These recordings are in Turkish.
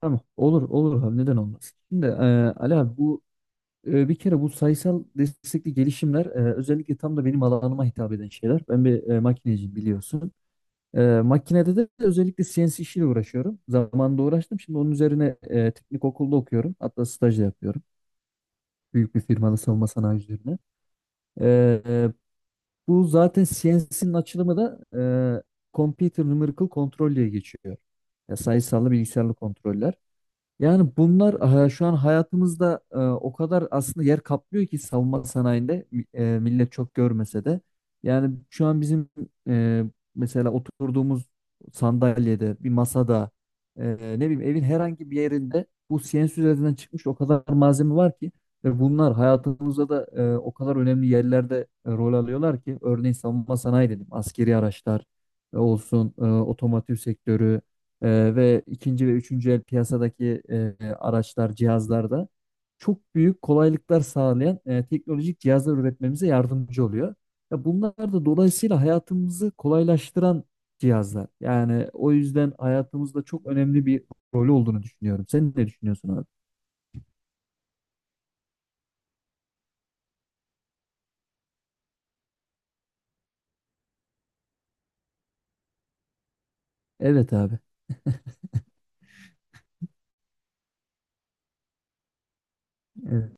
Tamam. Olur olur abi, neden olmaz. Şimdi Ali abi, bu bir kere bu sayısal destekli gelişimler, özellikle tam da benim alanıma hitap eden şeyler. Ben bir makineciyim, biliyorsun. E, makinede de özellikle CNC işiyle uğraşıyorum. Zamanında uğraştım. Şimdi onun üzerine teknik okulda okuyorum. Hatta staj da yapıyorum. Büyük bir firmada, savunma sanayi üzerine. E, e, bu zaten CNC'nin açılımı da e, Computer Numerical Control diye geçiyor. Ya, sayısallı bilgisayarlı kontroller. Yani bunlar şu an hayatımızda o kadar aslında yer kaplıyor ki, savunma sanayinde millet çok görmese de. Yani şu an bizim e, mesela oturduğumuz sandalyede, bir masada, ne bileyim evin herhangi bir yerinde, bu CNC üzerinden çıkmış o kadar malzeme var ki ve bunlar hayatımızda da o kadar önemli yerlerde rol alıyorlar ki. Örneğin savunma sanayi dedim, askeri araçlar olsun, otomotiv sektörü, ve ikinci ve üçüncü el piyasadaki araçlar, cihazlarda çok büyük kolaylıklar sağlayan teknolojik cihazlar üretmemize yardımcı oluyor. Ya, bunlar da dolayısıyla hayatımızı kolaylaştıran cihazlar. Yani o yüzden hayatımızda çok önemli bir rolü olduğunu düşünüyorum. Sen ne düşünüyorsun abi? Evet abi. Evet.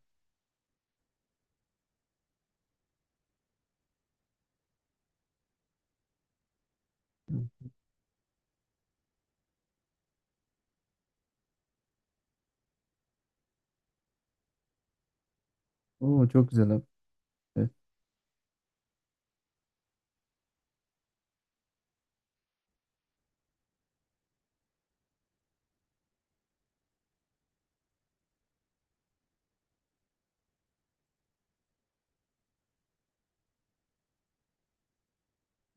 Oo, çok güzel abi. Evet.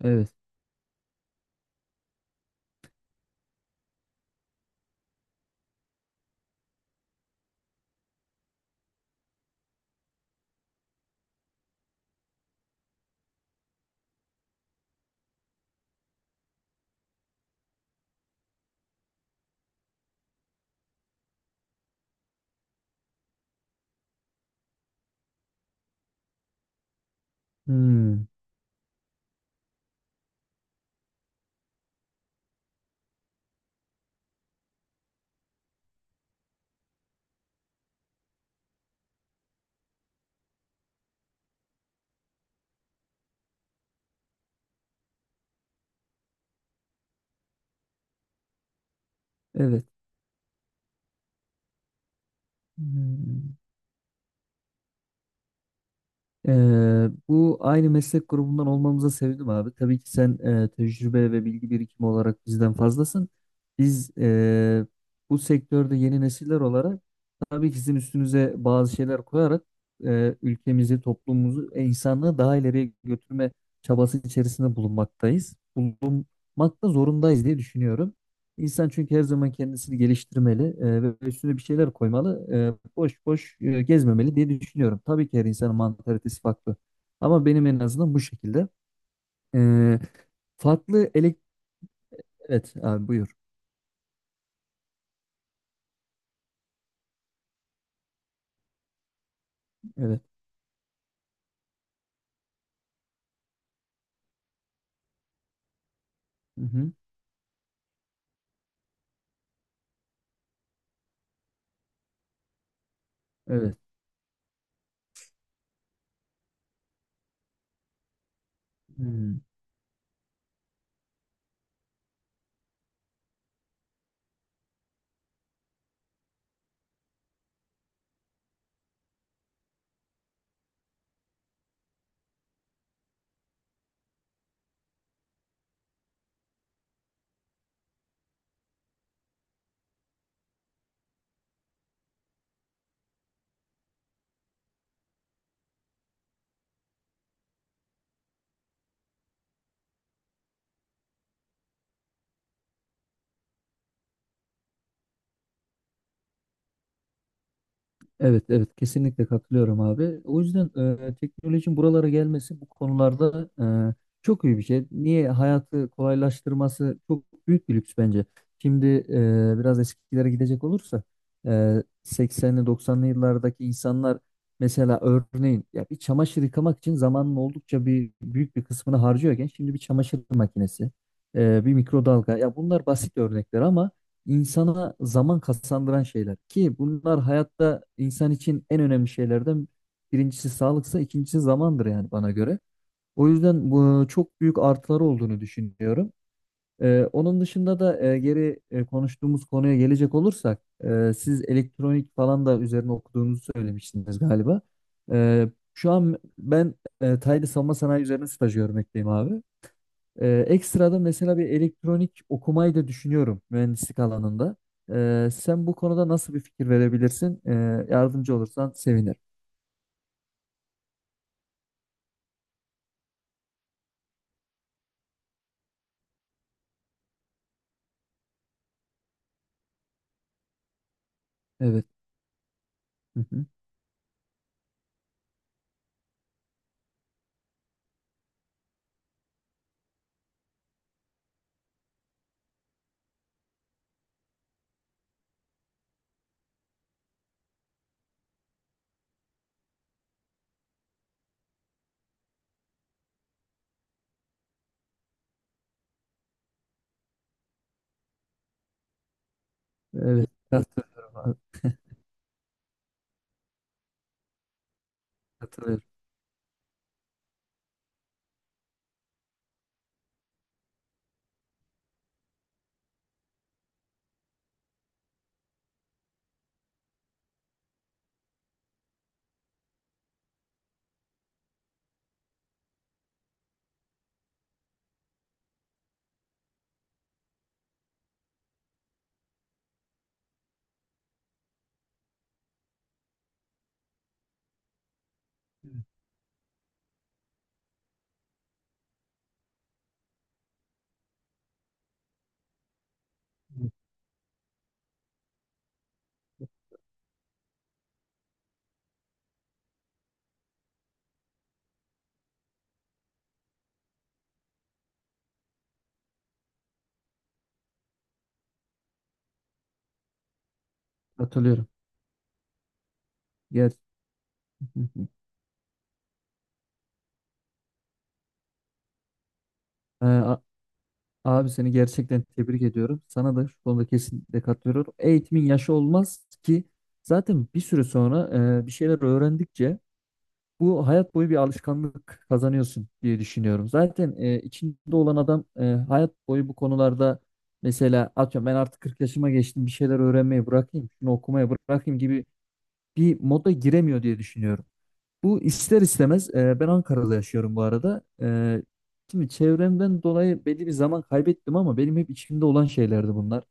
Evet. Hmm, evet. Hmm. Bu aynı meslek grubundan olmamıza sevindim abi. Tabii ki sen tecrübe ve bilgi birikimi olarak bizden fazlasın. Biz bu sektörde yeni nesiller olarak tabii ki sizin üstünüze bazı şeyler koyarak ülkemizi, toplumumuzu, insanlığı daha ileriye götürme çabası içerisinde bulunmaktayız. Bulunmak da zorundayız diye düşünüyorum. İnsan çünkü her zaman kendisini geliştirmeli ve üstüne bir şeyler koymalı. Boş boş gezmemeli diye düşünüyorum. Tabii ki her insanın mantalitesi farklı. Ama benim en azından bu şekilde. E, farklı Evet abi, buyur. Evet. Hı hı. Evet. Hmm. Evet, evet, kesinlikle katılıyorum abi. O yüzden teknolojinin buralara gelmesi bu konularda e, çok iyi bir şey. Niye, hayatı kolaylaştırması çok büyük bir lüks bence. Şimdi biraz eskilere gidecek olursa, e, 80'li 90'lı yıllardaki insanlar mesela, örneğin, ya bir çamaşır yıkamak için zamanın oldukça bir büyük bir kısmını harcıyorken, şimdi bir çamaşır makinesi, bir mikrodalga, ya bunlar basit örnekler ama insana zaman kazandıran şeyler ki bunlar hayatta insan için en önemli şeylerden birincisi sağlıksa ikincisi zamandır, yani bana göre. O yüzden bu çok büyük artıları olduğunu düşünüyorum. Onun dışında da geri konuştuğumuz konuya gelecek olursak, siz elektronik falan da üzerine okuduğunuzu söylemiştiniz galiba. Ee, şu an ben Taylı Savunma Sanayi üzerine staj görmekteyim abi. Ekstra da mesela bir elektronik okumayı da düşünüyorum mühendislik alanında. Sen bu konuda nasıl bir fikir verebilirsin? Yardımcı olursan sevinirim. Evet. Hı hı. Evet. Katılıyorum abi. Katılıyorum. Evet, evet. Katılıyorum. Ger Hı hı. Ee, a- abi, seni gerçekten tebrik ediyorum. Sana da şu konuda kesinlikle katılıyorum. Eğitimin yaşı olmaz ki. Zaten bir süre sonra bir şeyler öğrendikçe bu hayat boyu bir alışkanlık kazanıyorsun diye düşünüyorum. Zaten içinde olan adam hayat boyu bu konularda mesela atıyorum, ben artık 40 yaşıma geçtim, bir şeyler öğrenmeyi bırakayım, şunu okumaya bırakayım gibi bir moda giremiyor diye düşünüyorum. Bu ister istemez, ben Ankara'da yaşıyorum bu arada. E, şimdi çevremden dolayı belli bir zaman kaybettim ama benim hep içimde olan şeylerdi bunlar.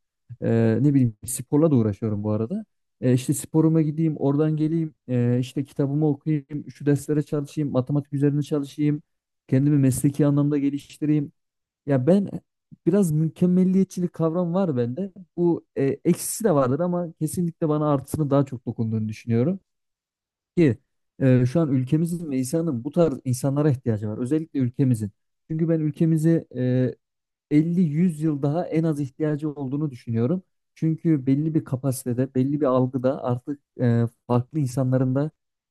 E, ne bileyim, sporla da uğraşıyorum bu arada. E, işte sporuma gideyim, oradan geleyim, işte kitabımı okuyayım, şu derslere çalışayım, matematik üzerine çalışayım, kendimi mesleki anlamda geliştireyim. Ya, ben biraz mükemmelliyetçilik kavram var bende. Bu eksisi de vardır ama kesinlikle bana artısını daha çok dokunduğunu düşünüyorum ki şu an ülkemizin ve insanın bu tarz insanlara ihtiyacı var. Özellikle ülkemizin. Çünkü ben ülkemizi 50-100 yıl daha en az ihtiyacı olduğunu düşünüyorum. Çünkü belli bir kapasitede, belli bir algıda artık farklı insanların da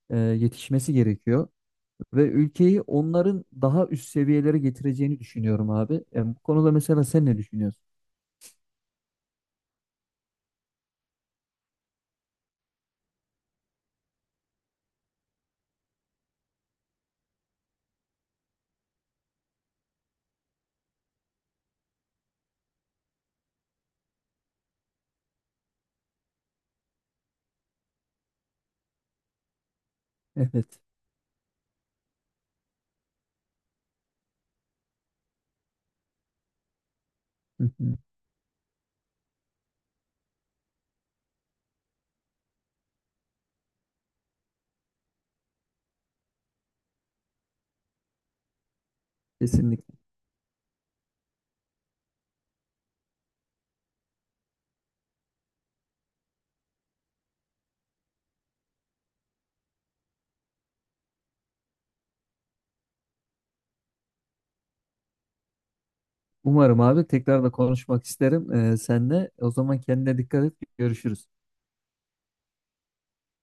yetişmesi gerekiyor. Ve ülkeyi onların daha üst seviyelere getireceğini düşünüyorum abi. Yani bu konuda mesela sen ne düşünüyorsun? Evet. Hı hı. Kesinlikle. Umarım abi, tekrar da konuşmak isterim seninle. O zaman kendine dikkat et. Görüşürüz.